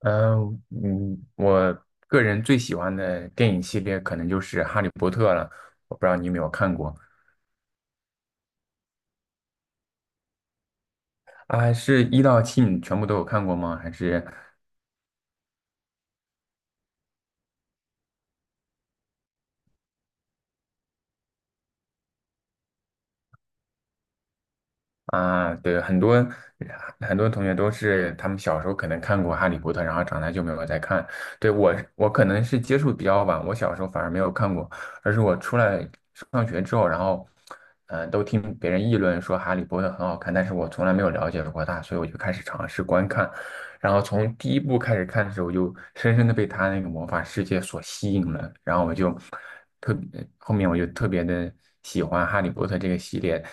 嗯嗯，我个人最喜欢的电影系列可能就是《哈利波特》了，我不知道你有没有看过。啊？是一到七你全部都有看过吗？还是啊？对，很多很多同学都是他们小时候可能看过《哈利波特》，然后长大就没有再看。对，我可能是接触比较晚，我小时候反而没有看过，而是我出来上学之后，然后都听别人议论说《哈利波特》很好看，但是我从来没有了解过它，所以我就开始尝试观看。然后从第一部开始看的时候，我就深深的被他那个魔法世界所吸引了，然后我就特别，后面我就特别的喜欢《哈利波特》这个系列，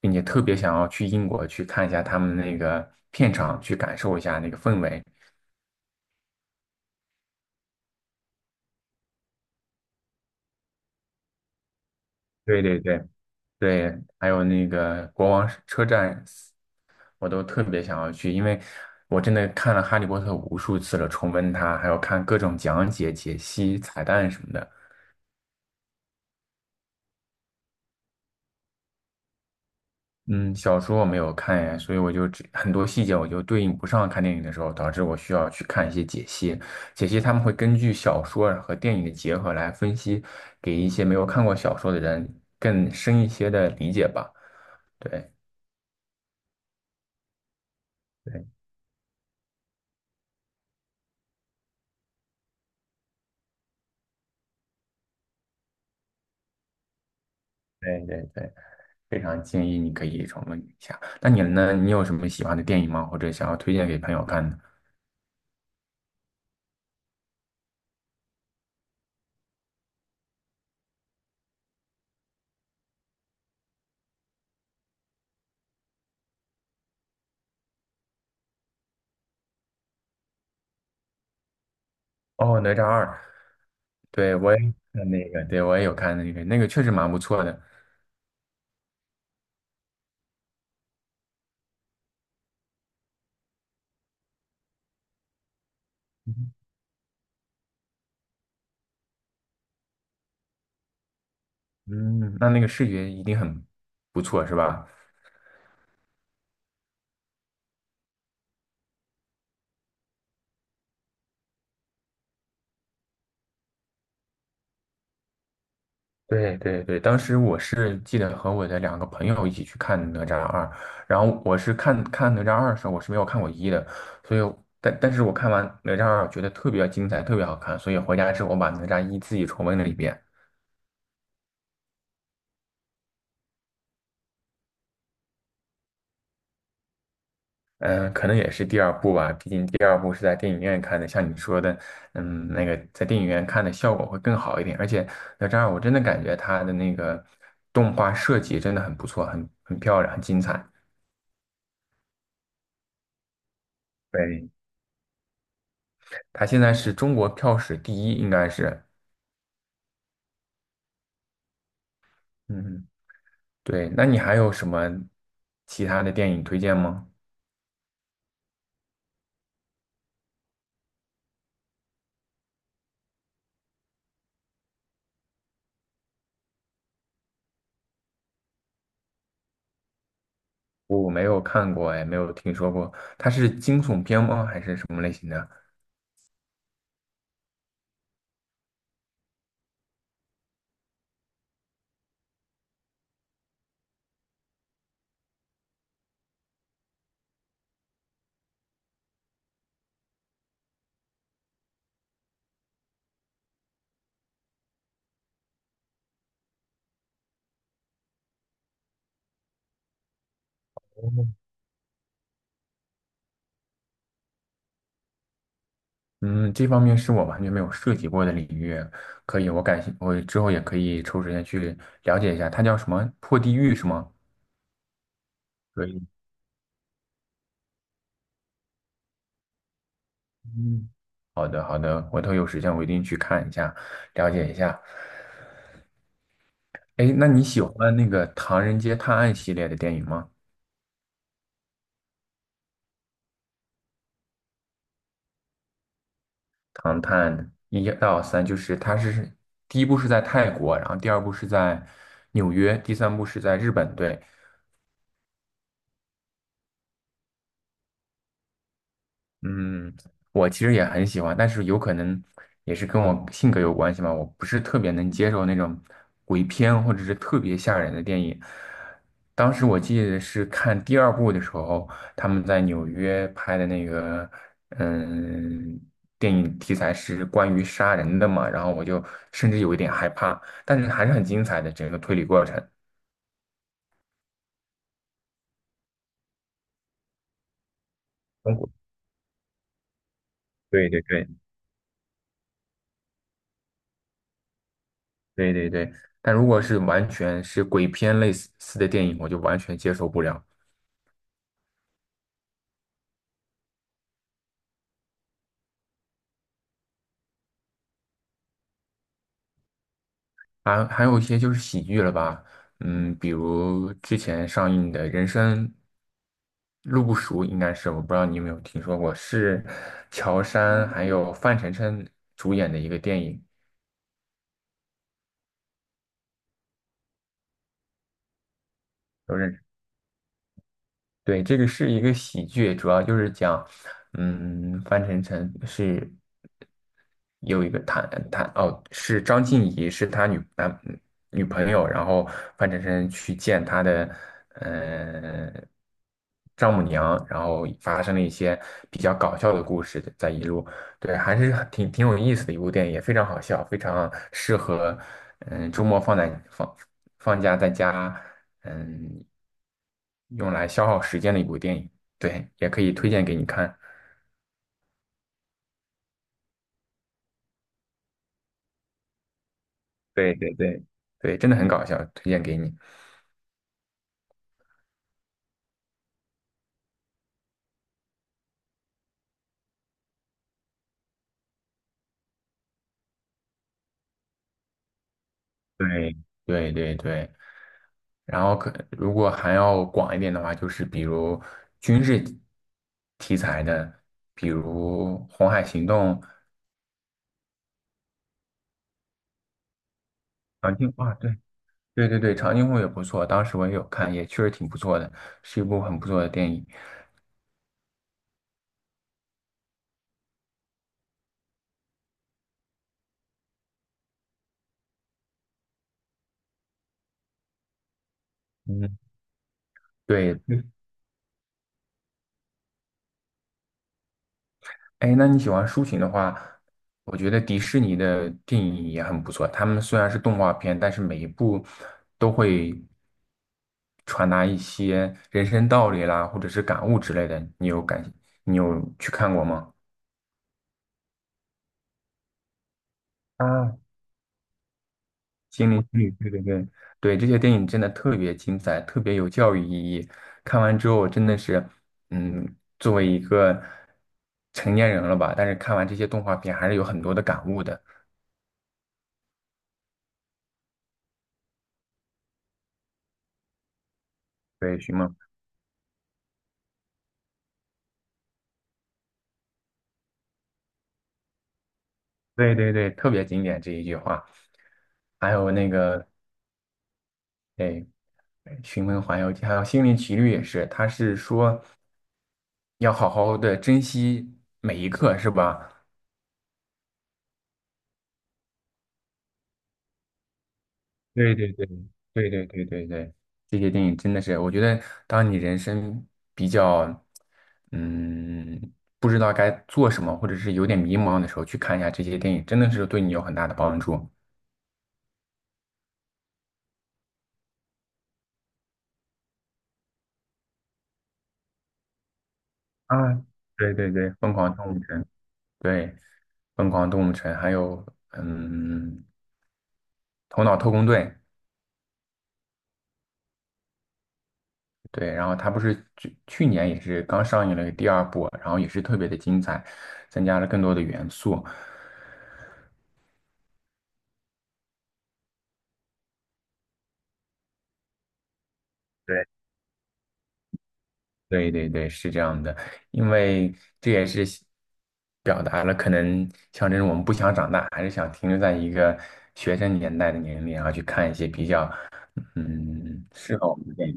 并且特别想要去英国去看一下他们那个片场，去感受一下那个氛围。对对对对，还有那个国王车站，我都特别想要去，因为我真的看了《哈利波特》无数次了，重温它，还有看各种讲解、解析、彩蛋什么的。嗯，小说我没有看呀，所以我就只很多细节我就对应不上看电影的时候，导致我需要去看一些解析。解析他们会根据小说和电影的结合来分析，给一些没有看过小说的人更深一些的理解吧。对，对，对，对，对，非常建议你可以重温一下。那你呢？你有什么喜欢的电影吗？或者想要推荐给朋友看的？哦，《哪吒二》，对，我也看那个，对，我也有看那个，那个确实蛮不错的。嗯，那个视觉一定很不错，是吧？对对对，当时我是记得和我的两个朋友一起去看《哪吒二》，然后我是看《哪吒二》的时候，我是没有看过一的，所以但是我看完《哪吒二》，觉得特别精彩，特别好看，所以回家之后我把《哪吒一》自己重温了一遍。嗯，可能也是第二部吧，毕竟第二部是在电影院看的，像你说的，嗯，那个在电影院看的效果会更好一点。而且哪吒二，我真的感觉它的那个动画设计真的很不错，很漂亮，很精彩。对，它现在是中国票史第一，应该是。嗯，对。那你还有什么其他的电影推荐吗？我没有看过，哎，没有听说过。它是惊悚片吗？还是什么类型的？嗯，这方面是我完全没有涉及过的领域，可以，我感兴，我之后也可以抽时间去了解一下，它叫什么？破地狱是吗？可以，嗯，好的，好的，回头有时间我一定去看一下，了解一下。哎，那你喜欢那个《唐人街探案》系列的电影吗？《唐探一到三》就是它是第一部是在泰国，然后第二部是在纽约，第三部是在日本，对。嗯，我其实也很喜欢，但是有可能也是跟我性格有关系嘛。我不是特别能接受那种鬼片或者是特别吓人的电影。当时我记得是看第二部的时候，他们在纽约拍的那个，嗯，电影题材是关于杀人的嘛，然后我就甚至有一点害怕，但是还是很精彩的整个推理过程。通过对对对对对对，但如果是完全是鬼片类似的电影，我就完全接受不了。还有一些就是喜剧了吧，嗯，比如之前上映的《人生路不熟》，应该是我不知道你有没有听说过，是乔杉还有范丞丞主演的一个电影。都认识。对，这个是一个喜剧，主要就是讲，嗯，范丞丞是有一个谈谈哦，是张婧仪是他女男女朋友，然后范丞丞去见他的嗯丈母娘，然后发生了一些比较搞笑的故事在一路，对，还是很挺有意思的一部电影，也非常好笑，非常适合周末放假在家。嗯，用来消耗时间的一部电影。对，也可以推荐给你看。对对对对，真的很搞笑，推荐给你。对对对对，然后如果还要广一点的话，就是比如军事题材的，比如《红海行动》《长津湖》啊，对对对对，《长津湖》也不错，当时我也有看，也确实挺不错的，是一部很不错的电影。嗯，对，哎，那你喜欢抒情的话，我觉得迪士尼的电影也很不错。他们虽然是动画片，但是每一部都会传达一些人生道理啦，或者是感悟之类的。你有去看过吗？啊，心灵心理，对对对，对，这些电影真的特别精彩，特别有教育意义。看完之后，我真的是，嗯，作为一个成年人了吧，但是看完这些动画片，还是有很多的感悟的。对，徐梦。对对对，特别经典这一句话。还有那个，哎，《寻梦环游记》，还有《心灵奇旅》也是，他是说要好好的珍惜每一刻，是吧？对对对对对对对对，这些电影真的是，我觉得当你人生比较，嗯，不知道该做什么，或者是有点迷茫的时候，去看一下这些电影，真的是对你有很大的帮助。啊！对对对，《疯狂动物城》对，疯狂动物城，还有嗯，头脑特工队，对，然后它不是去年也是刚上映了第二部，然后也是特别的精彩，增加了更多的元素。对，对对对，是这样的，因为这也是表达了可能像这种我们不想长大，还是想停留在一个学生年代的年龄，然后去看一些比较适合我们的电影。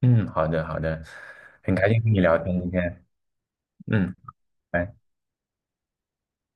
嗯，好的好的，很开心跟你聊天今天，嗯。拜。